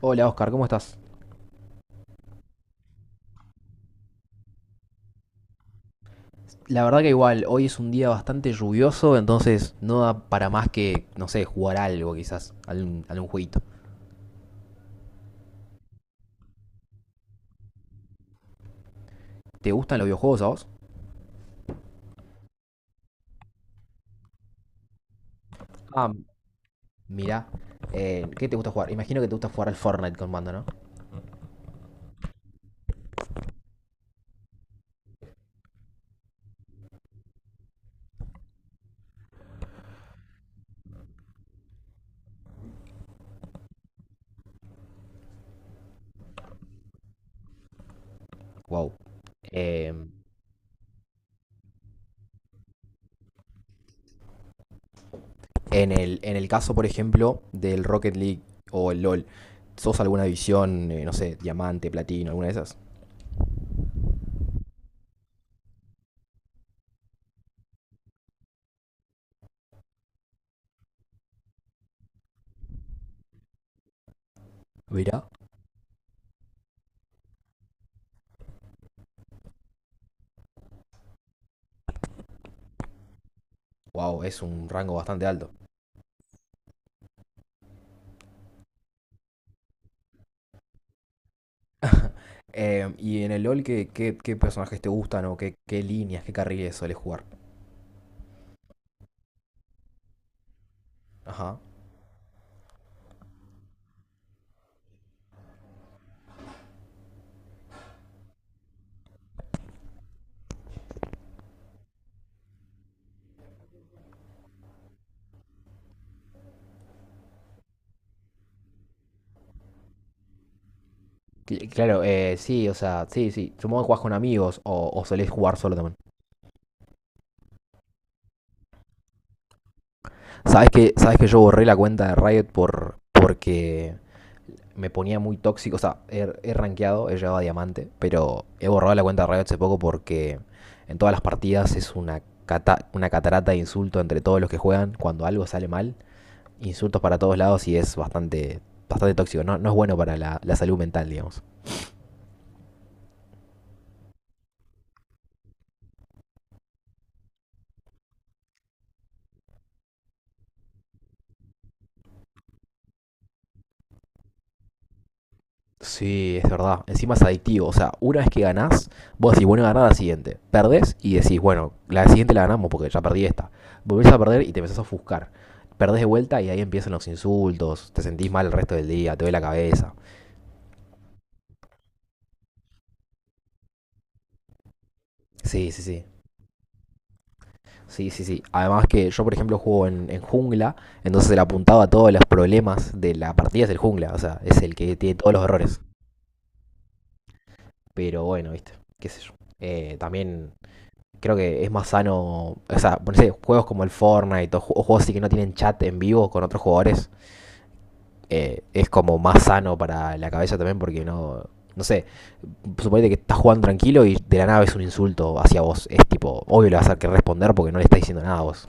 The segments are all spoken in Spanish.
Hola Oscar, ¿cómo estás? La verdad que igual, hoy es un día bastante lluvioso, entonces no da para más que, no sé, jugar algo quizás, algún jueguito. ¿Te gustan los videojuegos a vos? Ah, mirá. ¿Qué te gusta jugar? Imagino que te gusta jugar al Fortnite con mando, ¿no? Wow. Eh, en el caso, por ejemplo, del Rocket League o el LOL, ¿sos alguna división, no sé, diamante, platino, alguna de esas? Mirá. Wow, es un rango bastante alto. Y en el LOL, ¿qué personajes te gustan o qué líneas, qué carriles sueles jugar? Ajá. Claro, sí, o sea, sí, sí. Supongo que jugás con amigos o solés jugar solo también. ¿Sabes que yo borré la cuenta de Riot porque me ponía muy tóxico? O sea, he rankeado, he llegado a diamante, pero he borrado la cuenta de Riot hace poco porque en todas las partidas es una catarata de insulto entre todos los que juegan cuando algo sale mal. Insultos para todos lados y es bastante tóxico. No es bueno para la salud mental, digamos. Sí, es verdad. Encima es adictivo. O sea, una vez que ganás, vos decís, bueno, ganar la siguiente. Perdés y decís, bueno, la siguiente la ganamos porque ya perdí esta. Volvés a perder y te empezás a ofuscar. Perdés de vuelta y ahí empiezan los insultos. Te sentís mal el resto del día, te duele la cabeza. Sí, sí, sí. Sí, sí, sí. Además que yo, por ejemplo, juego en jungla, entonces el apuntado a todos los problemas de la partida es el jungla. O sea, es el que tiene todos los errores. Pero bueno, viste, qué sé yo. También creo que es más sano, o sea, no sé, juegos como el Fortnite o juegos así que no tienen chat en vivo con otros jugadores, es como más sano para la cabeza también porque no sé, suponete que estás jugando tranquilo y de la nada es un insulto hacia vos, es tipo, obvio le vas a tener que responder porque no le estás diciendo nada a vos.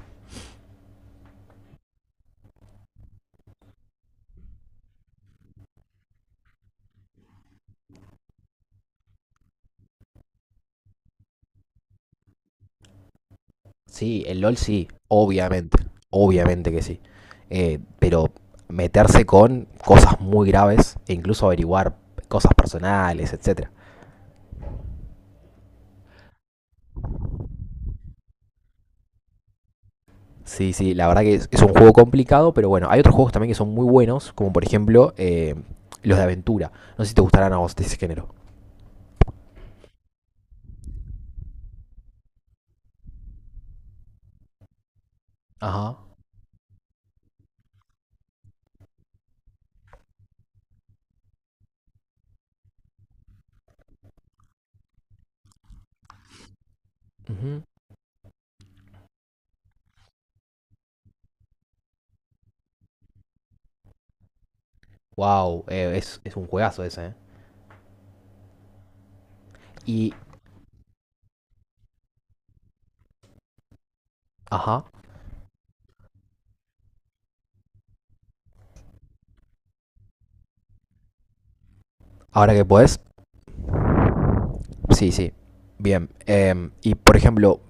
Sí, el LOL sí, obviamente, obviamente que sí. Pero meterse con cosas muy graves e incluso averiguar cosas personales, etcétera. Sí, sí, la verdad que es un juego complicado, pero bueno, hay otros juegos también que son muy buenos, como por ejemplo los de aventura. No sé si te gustarán a vos de ese género. Ajá. Wow, es un juegazo ese, ¿eh? Y, ajá. Ahora que podés, sí, sí. Bien. Y por ejemplo,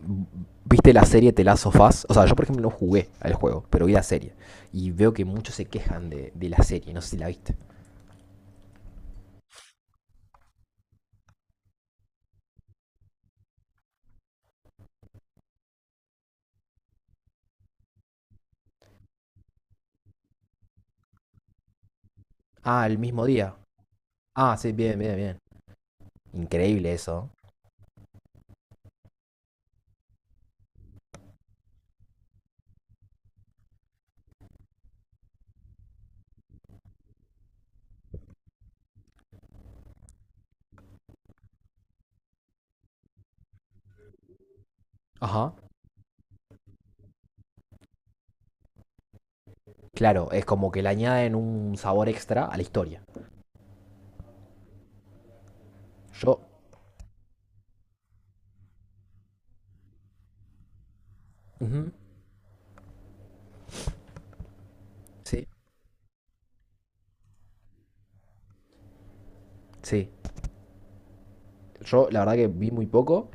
¿viste la serie The Last of Us? O sea, yo por ejemplo no jugué al juego, pero vi la serie. Y veo que muchos se quejan de la serie, no sé si la viste. Ah, el mismo día. Ah, sí, bien, bien, bien. Increíble eso. Ajá. Claro, es como que le añaden un sabor extra a la historia. Yo, ujú, sí, sí. Yo la verdad que vi muy poco,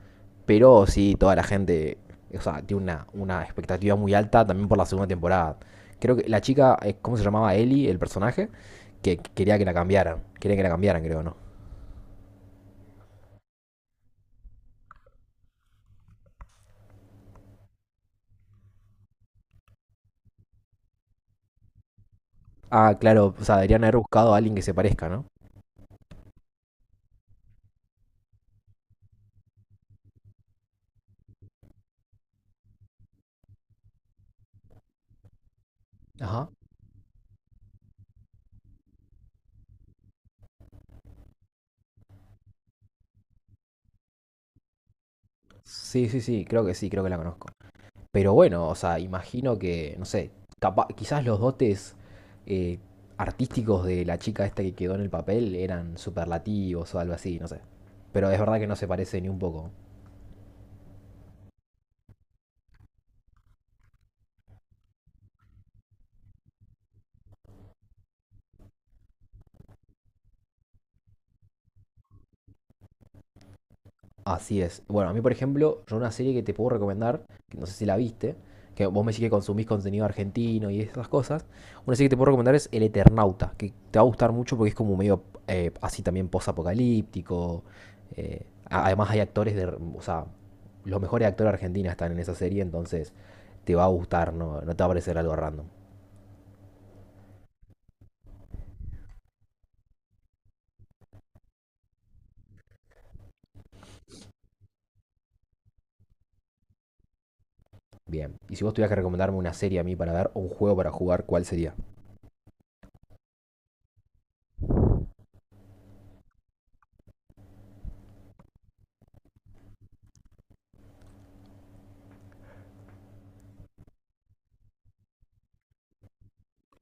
pero sí, toda la gente, o sea, tiene una expectativa muy alta también por la segunda temporada. Creo que la chica, ¿cómo se llamaba? Ellie, el personaje, que quería que la cambiaran. Quería que la cambiaran, creo, ¿no? Ah, claro, o sea, deberían haber buscado a alguien que se parezca, ¿no? Ajá. Sí, sí, sí, creo que la conozco. Pero bueno, o sea, imagino que, no sé, quizás los dotes eh, artísticos de la chica esta que quedó en el papel eran superlativos o algo así, no sé. Pero es verdad que no se parece ni un poco. Así es. Bueno, a mí, por ejemplo, yo una serie que te puedo recomendar, que no sé si la viste, que vos me decís que consumís contenido argentino y esas cosas, una serie que te puedo recomendar es El Eternauta, que te va a gustar mucho porque es como medio así también post-apocalíptico. eh, además hay actores de... O sea, los mejores actores argentinos están en esa serie, entonces te va a gustar, no te va a parecer algo random. Bien. Y si vos tuvieras que recomendarme una serie a mí para ver o un juego para jugar, ¿cuál sería?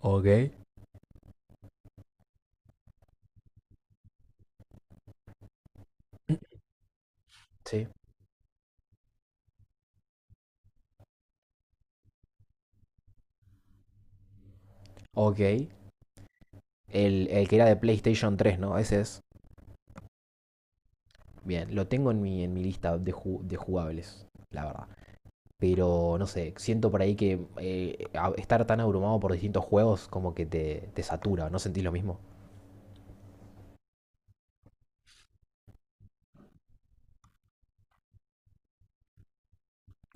Ok. Sí. Ok. El que era de PlayStation tres, ¿no? Ese es. Bien, lo tengo en en mi lista de, de jugables, la verdad. Pero no sé, siento por ahí que estar tan abrumado por distintos juegos como que te satura, ¿no sentís lo mismo?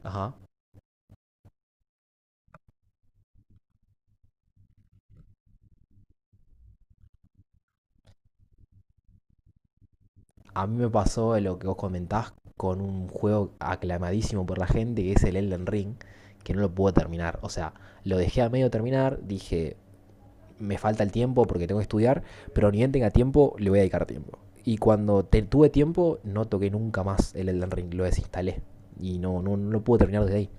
Ajá. A mí me pasó lo que vos comentás con un juego aclamadísimo por la gente, que es el Elden Ring, que no lo pude terminar. O sea, lo dejé a medio terminar, dije, me falta el tiempo porque tengo que estudiar, pero ni bien tenga tiempo, le voy a dedicar tiempo. Y cuando tuve tiempo, no toqué nunca más el Elden Ring, lo desinstalé. Y no lo pude terminar desde ahí.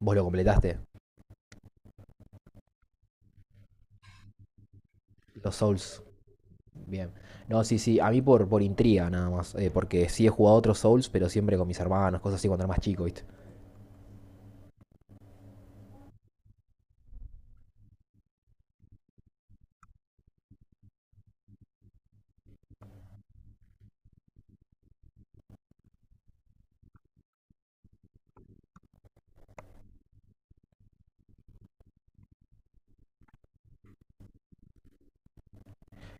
Vos lo completaste, los Souls. Bien. No, sí, sí, a mí por intriga nada más, porque sí he jugado otros Souls, pero siempre con mis hermanos, cosas así cuando era más chico, ¿viste?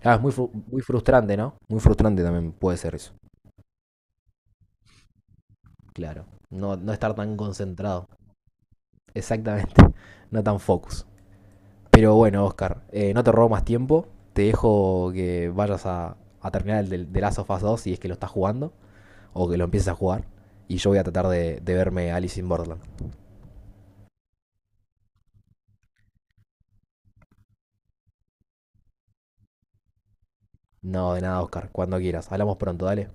Ah, es muy frustrante, ¿no? Muy frustrante también puede ser eso, claro. No, no estar tan concentrado, exactamente, no tan focus. Pero bueno, Oscar, no te robo más tiempo. Te dejo que vayas a terminar de Last of Us 2 si es que lo estás jugando o que lo empieces a jugar. Y yo voy a tratar de verme Alice in Borderland. No, de nada, Oscar. Cuando quieras. Hablamos pronto, dale.